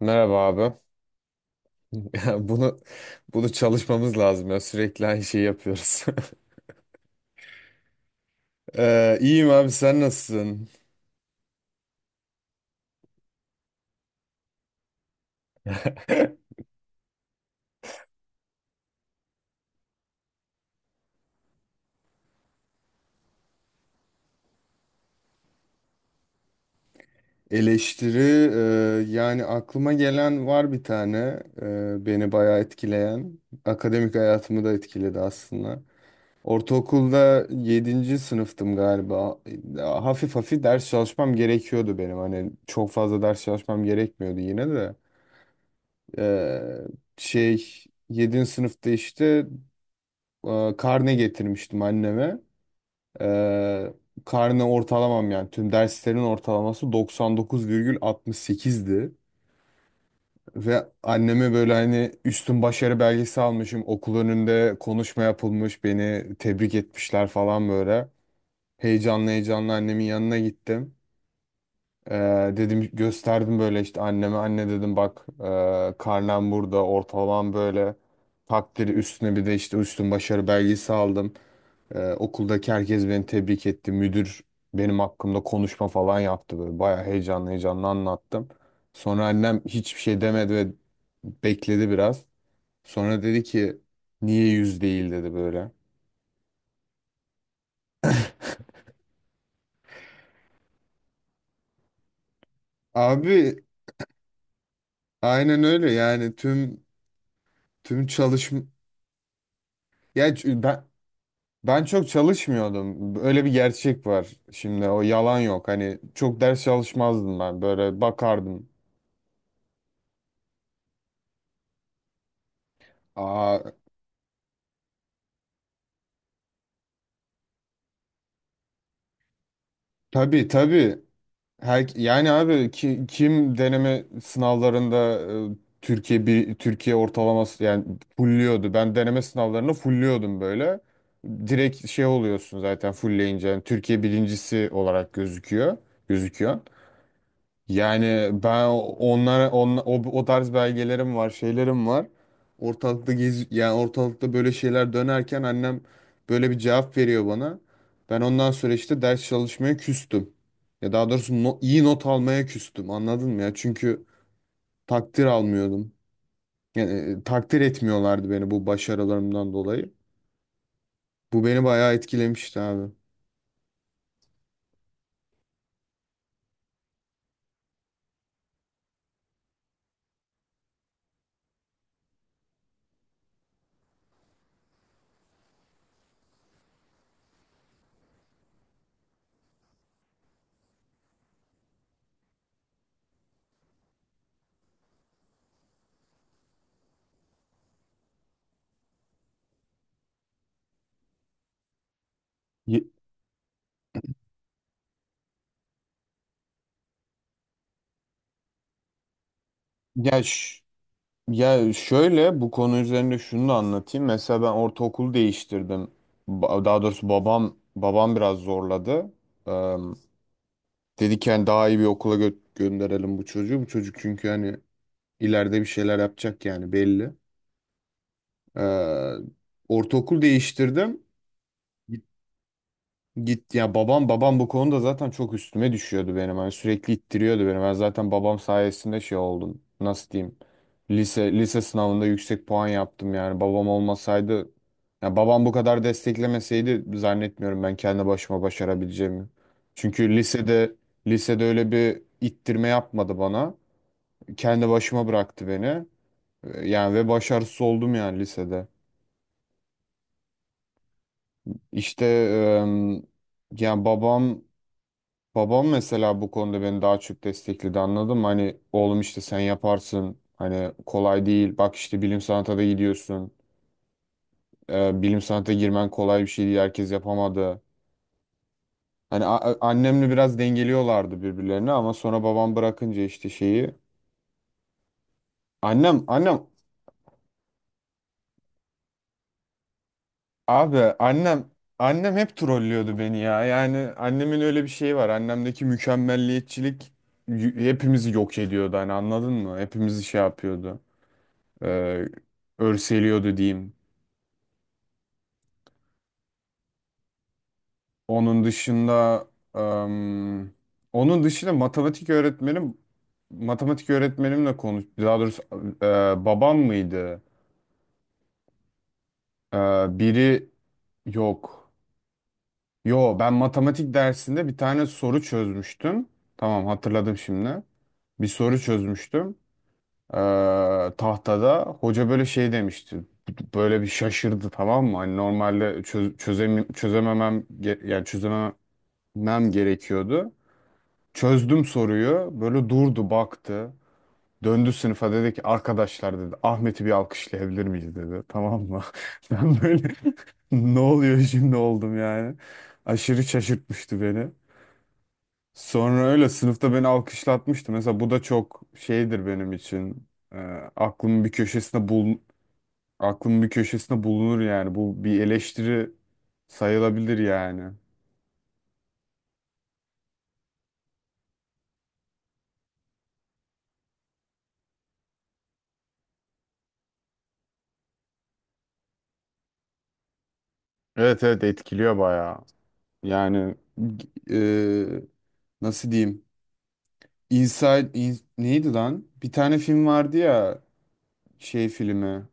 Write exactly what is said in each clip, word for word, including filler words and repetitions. Merhaba abi. Ya bunu bunu çalışmamız lazım ya. Sürekli aynı şeyi yapıyoruz. ee, iyiyim abi, sen nasılsın? Eleştiri, e, yani aklıma gelen var bir tane, e, beni bayağı etkileyen. Akademik hayatımı da etkiledi aslında. Ortaokulda yedinci sınıftım galiba. Hafif hafif ders çalışmam gerekiyordu benim. Hani çok fazla ders çalışmam gerekmiyordu yine de. Ee, Şey, yedinci sınıfta işte e, karne getirmiştim anneme. E, Karne ortalamam, yani tüm derslerin ortalaması doksan dokuz virgül altmış sekizdi. Ve anneme böyle, hani, üstün başarı belgesi almışım. Okul önünde konuşma yapılmış. Beni tebrik etmişler falan böyle. Heyecanlı heyecanlı annemin yanına gittim. E, Dedim, gösterdim böyle işte anneme. Anne dedim, bak, e, karnem burada, ortalamam böyle. Takdiri üstüne bir de işte üstün başarı belgesi aldım. Ee, okuldaki herkes beni tebrik etti. Müdür benim hakkımda konuşma falan yaptı böyle. Bayağı heyecanlı heyecanlı anlattım. Sonra annem hiçbir şey demedi ve bekledi biraz. Sonra dedi ki, niye yüz değil dedi böyle. Abi aynen öyle, yani tüm tüm çalışma, ya ç- ben ben çok çalışmıyordum. Öyle bir gerçek var. Şimdi o yalan yok. Hani çok ders çalışmazdım ben. Böyle bakardım. Aa tabii tabii. Her, yani abi ki, kim deneme sınavlarında e, Türkiye, bir Türkiye ortalaması yani fulluyordu. Ben deneme sınavlarını fulluyordum böyle. Direkt şey oluyorsun zaten fullleyince, yani Türkiye birincisi olarak gözüküyor. Gözüküyor. Yani ben onlara on, o, o tarz belgelerim var, şeylerim var. Ortalıkta gez, yani ortalıkta böyle şeyler dönerken annem böyle bir cevap veriyor bana. Ben ondan sonra işte ders çalışmaya küstüm. Ya, daha doğrusu no- iyi not almaya küstüm. Anladın mı ya? Çünkü takdir almıyordum. Yani, e, takdir etmiyorlardı beni bu başarılarımdan dolayı. Bu beni bayağı etkilemişti abi. Ye- Ya, ş- Ya şöyle, bu konu üzerinde şunu da anlatayım. Mesela ben ortaokul değiştirdim. Ba- Daha doğrusu babam babam biraz zorladı. Eee Dedi ki hani daha iyi bir okula gö- gönderelim bu çocuğu. Bu çocuk çünkü hani ileride bir şeyler yapacak, yani belli. Eee Ortaokul değiştirdim. Git ya babam babam bu konuda zaten çok üstüme düşüyordu benim. Hani sürekli ittiriyordu beni. Ben zaten babam sayesinde şey oldum. Nasıl diyeyim? Lise lise sınavında yüksek puan yaptım yani. Babam olmasaydı, ya babam bu kadar desteklemeseydi, zannetmiyorum ben kendi başıma başarabileceğimi. Çünkü lisede lisede öyle bir ittirme yapmadı bana. Kendi başıma bıraktı beni. Ee, Yani ve başarısız oldum yani lisede. İşte, em, yani babam Babam mesela bu konuda beni daha çok destekledi, anladın mı? Hani, oğlum işte sen yaparsın. Hani kolay değil. Bak işte, bilim sanata da gidiyorsun. Ee, bilim sanata girmen kolay bir şey değil. Herkes yapamadı. Hani a- a- annemle biraz dengeliyorlardı birbirlerini, ama sonra babam bırakınca işte şeyi. Annem, annem, abi annem, annem hep trollüyordu beni ya. Yani annemin öyle bir şeyi var. Annemdeki mükemmelliyetçilik y- hepimizi yok ediyordu. Hani, anladın mı? Hepimizi şey yapıyordu. e, Örseliyordu diyeyim. Onun dışında, em, onun dışında matematik öğretmenim, matematik öğretmenimle konuş, daha doğrusu e, babam mıydı? E, Biri, yok. Yo, ben matematik dersinde bir tane soru çözmüştüm. Tamam, hatırladım şimdi. Bir soru çözmüştüm. E, Tahtada hoca böyle şey demişti. Böyle bir şaşırdı, tamam mı? Hani normalde çöz, çözemem, çözememem ge- yani çözemem mem gerekiyordu. Çözdüm soruyu. Böyle durdu, baktı. Döndü sınıfa dedi ki, arkadaşlar dedi, Ahmet'i bir alkışlayabilir miyiz dedi. Tamam mı? Ben böyle ne oluyor şimdi oldum yani. Aşırı şaşırtmıştı beni. Sonra öyle sınıfta beni alkışlatmıştı. Mesela bu da çok şeydir benim için. Ee, aklımın bir köşesinde bul Aklımın bir köşesinde bulunur yani. Bu bir eleştiri sayılabilir yani. Evet, evet, etkiliyor bayağı. Yani, e, nasıl diyeyim? Inside in- neydi lan? Bir tane film vardı ya, şey filmi.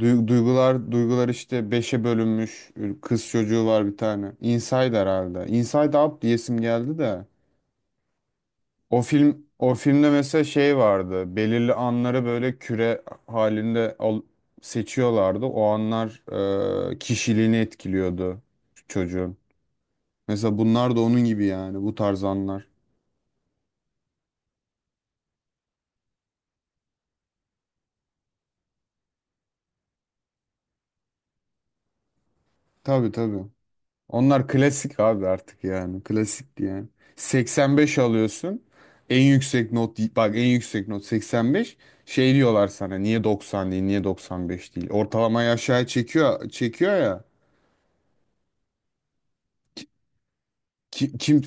Duy- Duygular duygular işte beşe bölünmüş. Kız çocuğu var bir tane. Inside herhalde. Inside Out diyesim geldi de. O film o filmde mesela şey vardı. Belirli anları böyle küre halinde al- seçiyorlardı. O anlar e, kişiliğini etkiliyordu çocuğun. Mesela bunlar da onun gibi, yani bu tarz anlar. Tabii, tabii. Onlar klasik abi artık yani. Klasik yani. seksen beş alıyorsun. En yüksek not, bak, en yüksek not seksen beş. Şey diyorlar sana, niye doksan değil, niye doksan beş değil. Ortalamayı aşağı çekiyor çekiyor ya. Ki- Kim,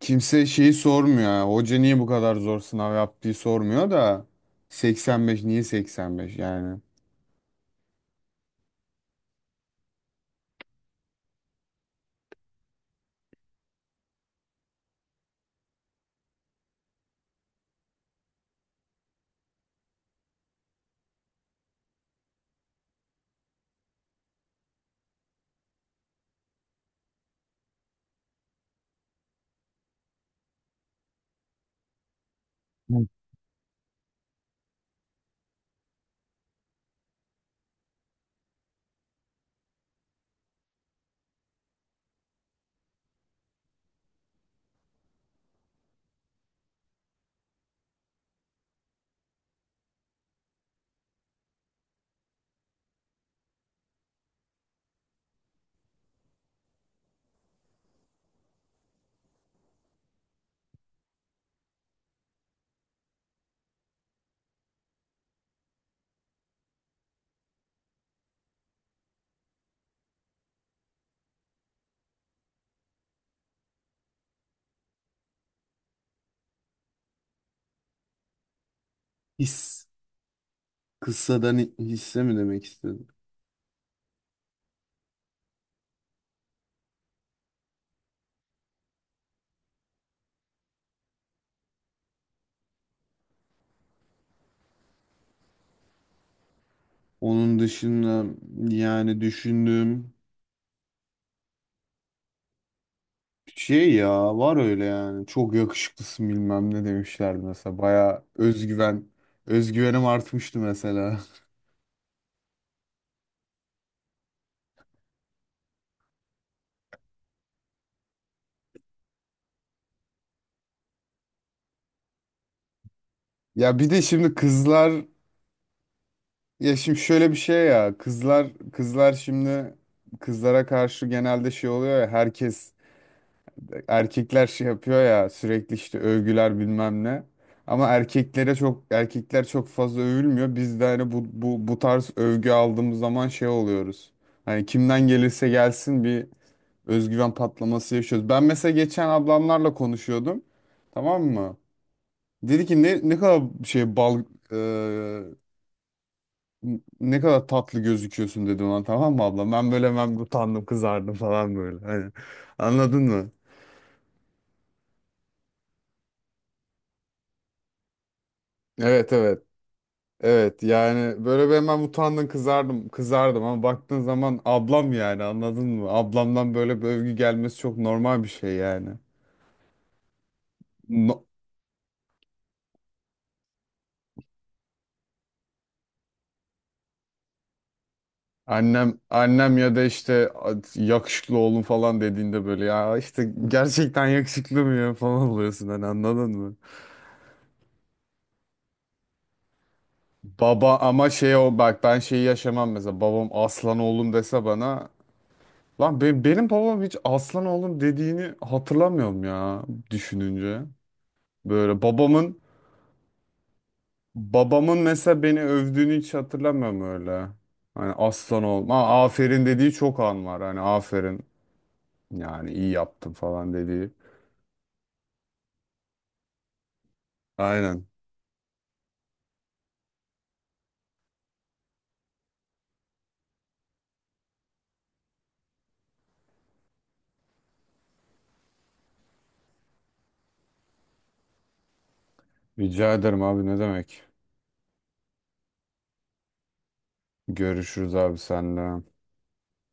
kimse şeyi sormuyor ya. Hoca niye bu kadar zor sınav yaptığı sormuyor da, seksen beş niye seksen beş yani. Evet. His Kıssadan hisse mi demek istedim? Onun dışında, yani düşündüm. Şey ya, var öyle yani, çok yakışıklısın bilmem ne demişlerdi mesela, baya özgüven özgüvenim artmıştı mesela. Ya bir de şimdi kızlar, ya şimdi şöyle bir şey, ya kızlar kızlar şimdi, kızlara karşı genelde şey oluyor ya, herkes, erkekler şey yapıyor ya, sürekli işte övgüler bilmem ne. Ama erkeklere çok, erkekler çok fazla övülmüyor. Biz de hani bu bu bu tarz övgü aldığımız zaman şey oluyoruz. Hani kimden gelirse gelsin bir özgüven patlaması yaşıyoruz. Ben mesela geçen ablamlarla konuşuyordum. Tamam mı? Dedi ki ne ne kadar şey bal e, ne kadar tatlı gözüküyorsun dedi ona, tamam mı abla? Ben böyle hemen utandım, kızardım falan böyle. Hani, anladın mı? Evet, evet. Evet, yani böyle ben hemen utandım, kızardım kızardım, ama baktığın zaman ablam yani, anladın mı? Ablamdan böyle bir övgü gelmesi çok normal bir şey yani. No- Annem annem ya da işte yakışıklı oğlum falan dediğinde böyle, ya işte gerçekten yakışıklı mı ya falan oluyorsun, hani anladın mı? Baba, ama şey, o bak, ben şeyi yaşamam mesela, babam aslan oğlum dese bana. Lan be- benim babam hiç aslan oğlum dediğini hatırlamıyorum ya, düşününce. Böyle babamın babamın mesela beni övdüğünü hiç hatırlamıyorum öyle. Hani aslan oğlum ha, aferin dediği çok an var, hani aferin, yani iyi yaptın falan dediği. Aynen. Rica ederim abi, ne demek. Görüşürüz abi, senle.